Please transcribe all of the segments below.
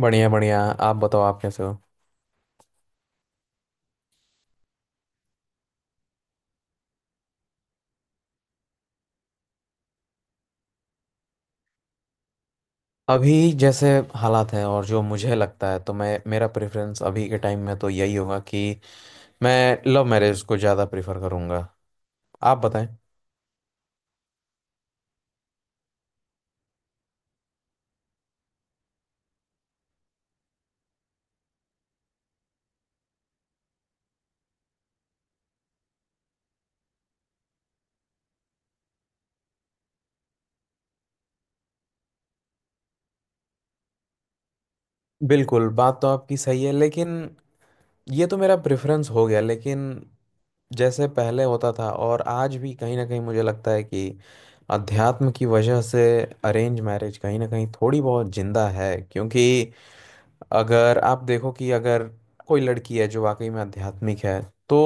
बढ़िया बढ़िया। आप बताओ, आप कैसे हो? अभी जैसे हालात हैं और जो मुझे लगता है तो मैं मेरा प्रेफरेंस अभी के टाइम में तो यही होगा कि मैं लव मैरिज को ज़्यादा प्रेफर करूँगा। आप बताएं। बिल्कुल, बात तो आपकी सही है, लेकिन ये तो मेरा प्रेफरेंस हो गया। लेकिन जैसे पहले होता था, और आज भी कहीं ना कहीं मुझे लगता है कि अध्यात्म की वजह से अरेंज मैरिज कहीं ना कहीं थोड़ी बहुत जिंदा है। क्योंकि अगर आप देखो कि अगर कोई लड़की है जो वाकई में आध्यात्मिक है, तो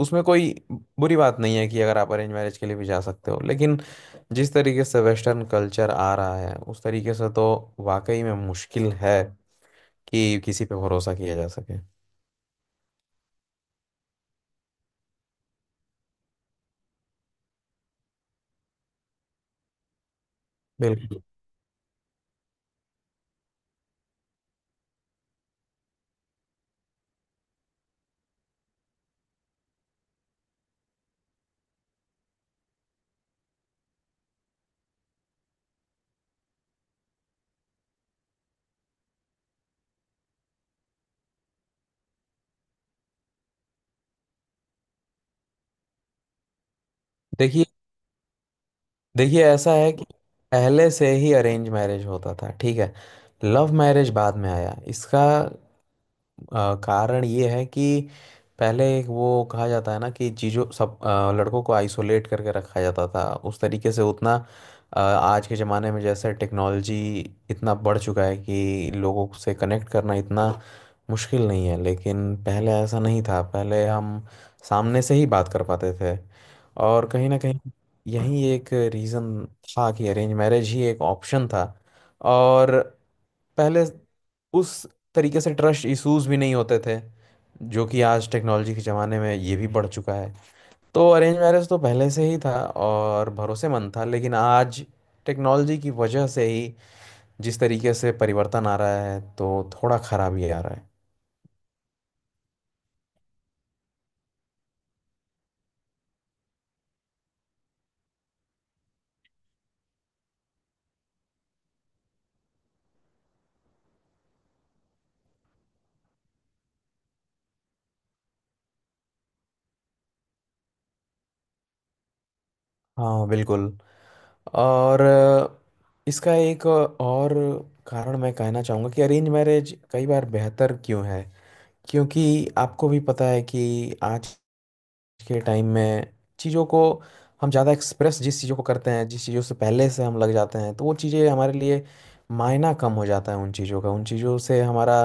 उसमें कोई बुरी बात नहीं है कि अगर आप अरेंज मैरिज के लिए भी जा सकते हो। लेकिन जिस तरीके से वेस्टर्न कल्चर आ रहा है, उस तरीके से तो वाकई में मुश्किल है कि किसी पे भरोसा किया जा सके। बिल्कुल। देखिए देखिए, ऐसा है कि पहले से ही अरेंज मैरिज होता था, ठीक है। लव मैरिज बाद में आया। इसका कारण ये है कि पहले एक वो कहा जाता है ना कि चीज़ों सब लड़कों को आइसोलेट करके रखा जाता था। उस तरीके से उतना आज के ज़माने में जैसे टेक्नोलॉजी इतना बढ़ चुका है कि लोगों से कनेक्ट करना इतना मुश्किल नहीं है, लेकिन पहले ऐसा नहीं था। पहले हम सामने से ही बात कर पाते थे। और कहीं ना कहीं यही एक रीज़न था कि अरेंज मैरिज ही एक ऑप्शन था। और पहले उस तरीके से ट्रस्ट इश्यूज भी नहीं होते थे, जो कि आज टेक्नोलॉजी के ज़माने में ये भी बढ़ चुका है। तो अरेंज मैरिज तो पहले से ही था और भरोसेमंद था, लेकिन आज टेक्नोलॉजी की वजह से ही जिस तरीके से परिवर्तन आ रहा है, तो थोड़ा खराबी आ रहा है। हाँ बिल्कुल। और इसका एक और कारण मैं कहना चाहूँगा कि अरेंज मैरिज कई बार बेहतर क्यों है। क्योंकि आपको भी पता है कि आज के टाइम में चीज़ों को हम ज़्यादा एक्सप्रेस जिस चीज़ों को करते हैं, जिस चीज़ों से पहले से हम लग जाते हैं, तो वो चीज़ें हमारे लिए मायना कम हो जाता है उन चीज़ों का, उन चीज़ों से हमारा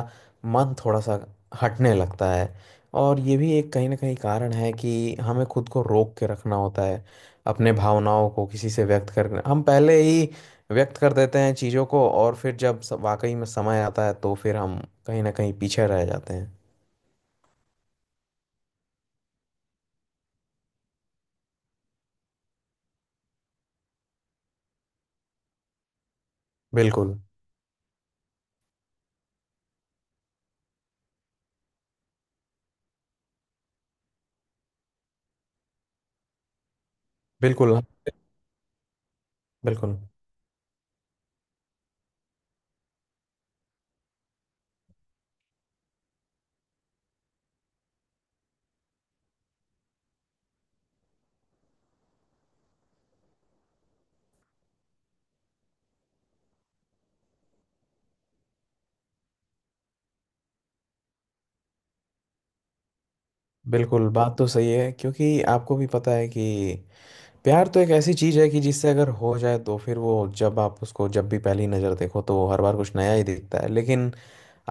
मन थोड़ा सा हटने लगता है। और ये भी एक कहीं ना कहीं कारण है कि हमें खुद को रोक के रखना होता है। अपने भावनाओं को किसी से व्यक्त करना, हम पहले ही व्यक्त कर देते हैं चीज़ों को, और फिर जब वाकई में समय आता है तो फिर हम कहीं ना कहीं पीछे रह जाते हैं। बिल्कुल। बिल्कुल। बिल्कुल। बिल्कुल, बात तो सही है, क्योंकि आपको भी पता है कि प्यार तो एक ऐसी चीज है कि जिससे अगर हो जाए तो फिर वो जब आप उसको जब भी पहली नज़र देखो तो वो हर बार कुछ नया ही दिखता है। लेकिन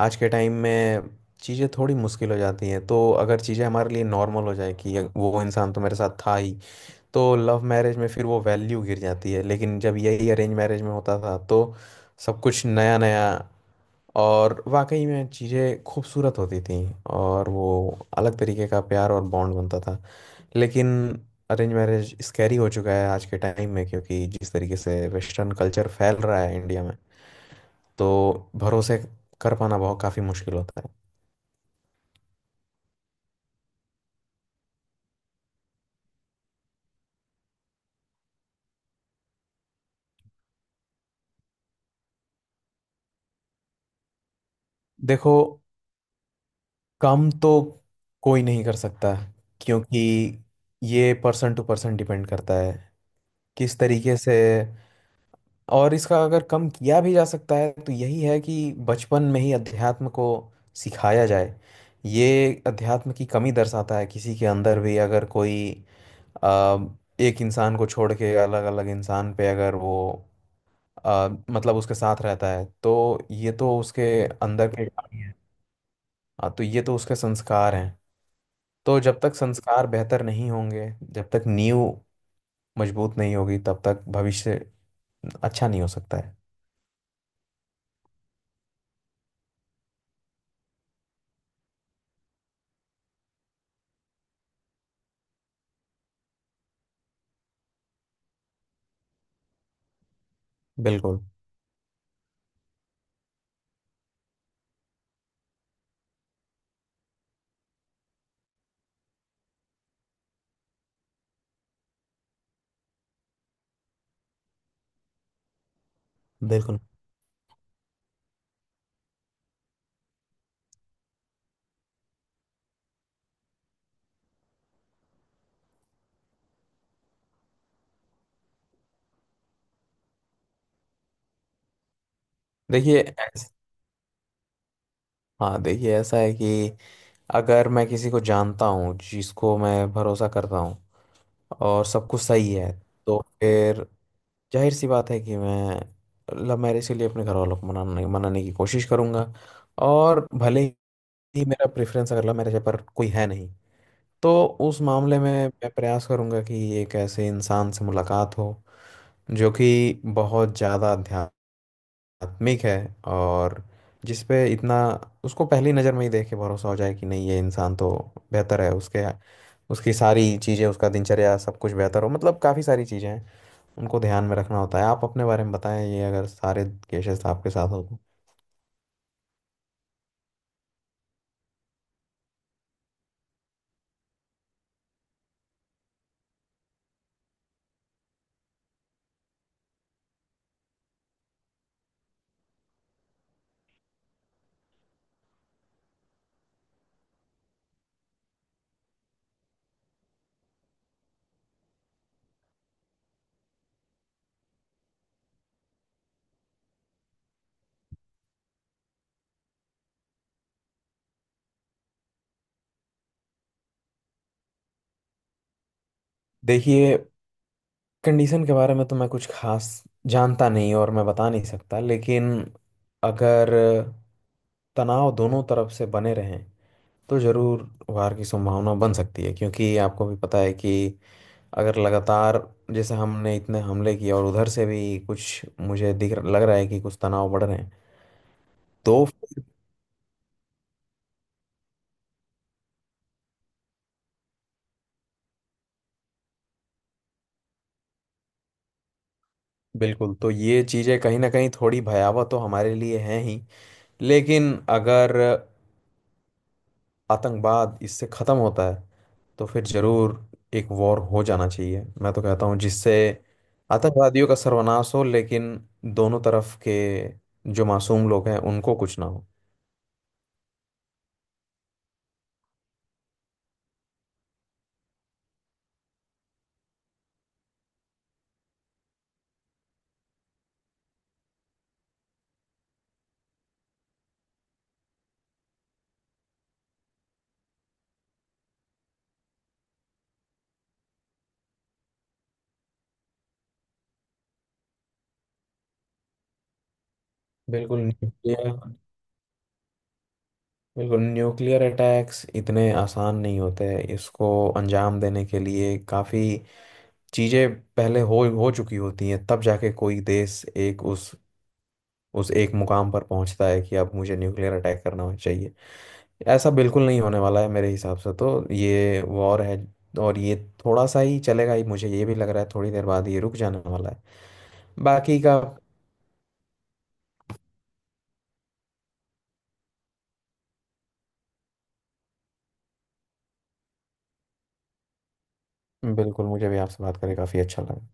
आज के टाइम में चीज़ें थोड़ी मुश्किल हो जाती हैं, तो अगर चीज़ें हमारे लिए नॉर्मल हो जाए कि वो इंसान तो मेरे साथ था ही, तो लव मैरिज में फिर वो वैल्यू गिर जाती है। लेकिन जब यही अरेंज मैरिज में होता था तो सब कुछ नया नया, और वाकई में चीज़ें खूबसूरत होती थी। और वो अलग तरीके का प्यार और बॉन्ड बनता था। लेकिन अरेंज मैरिज स्कैरी हो चुका है आज के टाइम में, क्योंकि जिस तरीके से वेस्टर्न कल्चर फैल रहा है इंडिया में, तो भरोसे कर पाना बहुत काफ़ी मुश्किल होता है। देखो, कम तो कोई नहीं कर सकता, क्योंकि ये पर्सन टू पर्सन डिपेंड करता है किस तरीके से। और इसका अगर कम किया भी जा सकता है, तो यही है कि बचपन में ही अध्यात्म को सिखाया जाए। ये अध्यात्म की कमी दर्शाता है किसी के अंदर भी। अगर कोई अ, एक इंसान को छोड़ के अलग अलग इंसान पे अगर वो मतलब उसके साथ रहता है तो ये तो उसके अंदर के प्राणी है। हाँ, तो ये तो उसके संस्कार हैं। तो जब तक संस्कार बेहतर नहीं होंगे, जब तक नींव मजबूत नहीं होगी, तब तक भविष्य अच्छा नहीं हो सकता है। बिल्कुल। बिल्कुल। देखिए ऐस- हाँ, देखिए ऐसा है कि अगर मैं किसी को जानता हूँ जिसको मैं भरोसा करता हूँ और सब कुछ सही है, तो फिर जाहिर सी बात है कि मैं लव मैरिज के लिए अपने घर वालों को मनाने मनाने की कोशिश करूंगा। और भले ही मेरा प्रेफरेंस अगर लव मैरिज है पर कोई है नहीं, तो उस मामले में मैं प्रयास करूंगा कि एक ऐसे इंसान से मुलाकात हो जो कि बहुत ज़्यादा आत्मिक है। और जिस पे इतना उसको पहली नज़र में ही देख के भरोसा हो जाए कि नहीं, ये इंसान तो बेहतर है। उसके, उसकी सारी चीज़ें, उसका दिनचर्या सब कुछ बेहतर हो, मतलब काफ़ी सारी चीज़ें हैं उनको ध्यान में रखना होता है। आप अपने बारे में बताएं, ये अगर सारे केसेस आपके साथ हो तो। देखिए, कंडीशन के बारे में तो मैं कुछ खास जानता नहीं, और मैं बता नहीं सकता। लेकिन अगर तनाव दोनों तरफ से बने रहें तो ज़रूर वार की संभावना बन सकती है। क्योंकि आपको भी पता है कि अगर लगातार जैसे हमने इतने हमले किए, और उधर से भी कुछ मुझे दिख लग रहा है कि कुछ तनाव बढ़ रहे हैं, तो फिर बिल्कुल, तो ये चीज़ें कहीं ना कहीं थोड़ी भयावह तो हमारे लिए हैं ही। लेकिन अगर आतंकवाद इससे ख़त्म होता है, तो फिर ज़रूर एक वॉर हो जाना चाहिए, मैं तो कहता हूँ, जिससे आतंकवादियों का सर्वनाश हो। लेकिन दोनों तरफ के जो मासूम लोग हैं उनको कुछ ना हो। बिल्कुल नहीं। बिल्कुल, न्यूक्लियर अटैक्स इतने आसान नहीं होते हैं। इसको अंजाम देने के लिए काफ़ी चीज़ें पहले हो चुकी होती हैं, तब जाके कोई देश एक उस एक मुकाम पर पहुंचता है कि अब मुझे न्यूक्लियर अटैक करना चाहिए। ऐसा बिल्कुल नहीं होने वाला है मेरे हिसाब से। तो ये वॉर है, और ये थोड़ा सा ही चलेगा ही, मुझे ये भी लग रहा है थोड़ी देर बाद ये रुक जाने वाला है। बाकी का बिल्कुल, मुझे भी आपसे बात करके काफ़ी अच्छा लगा।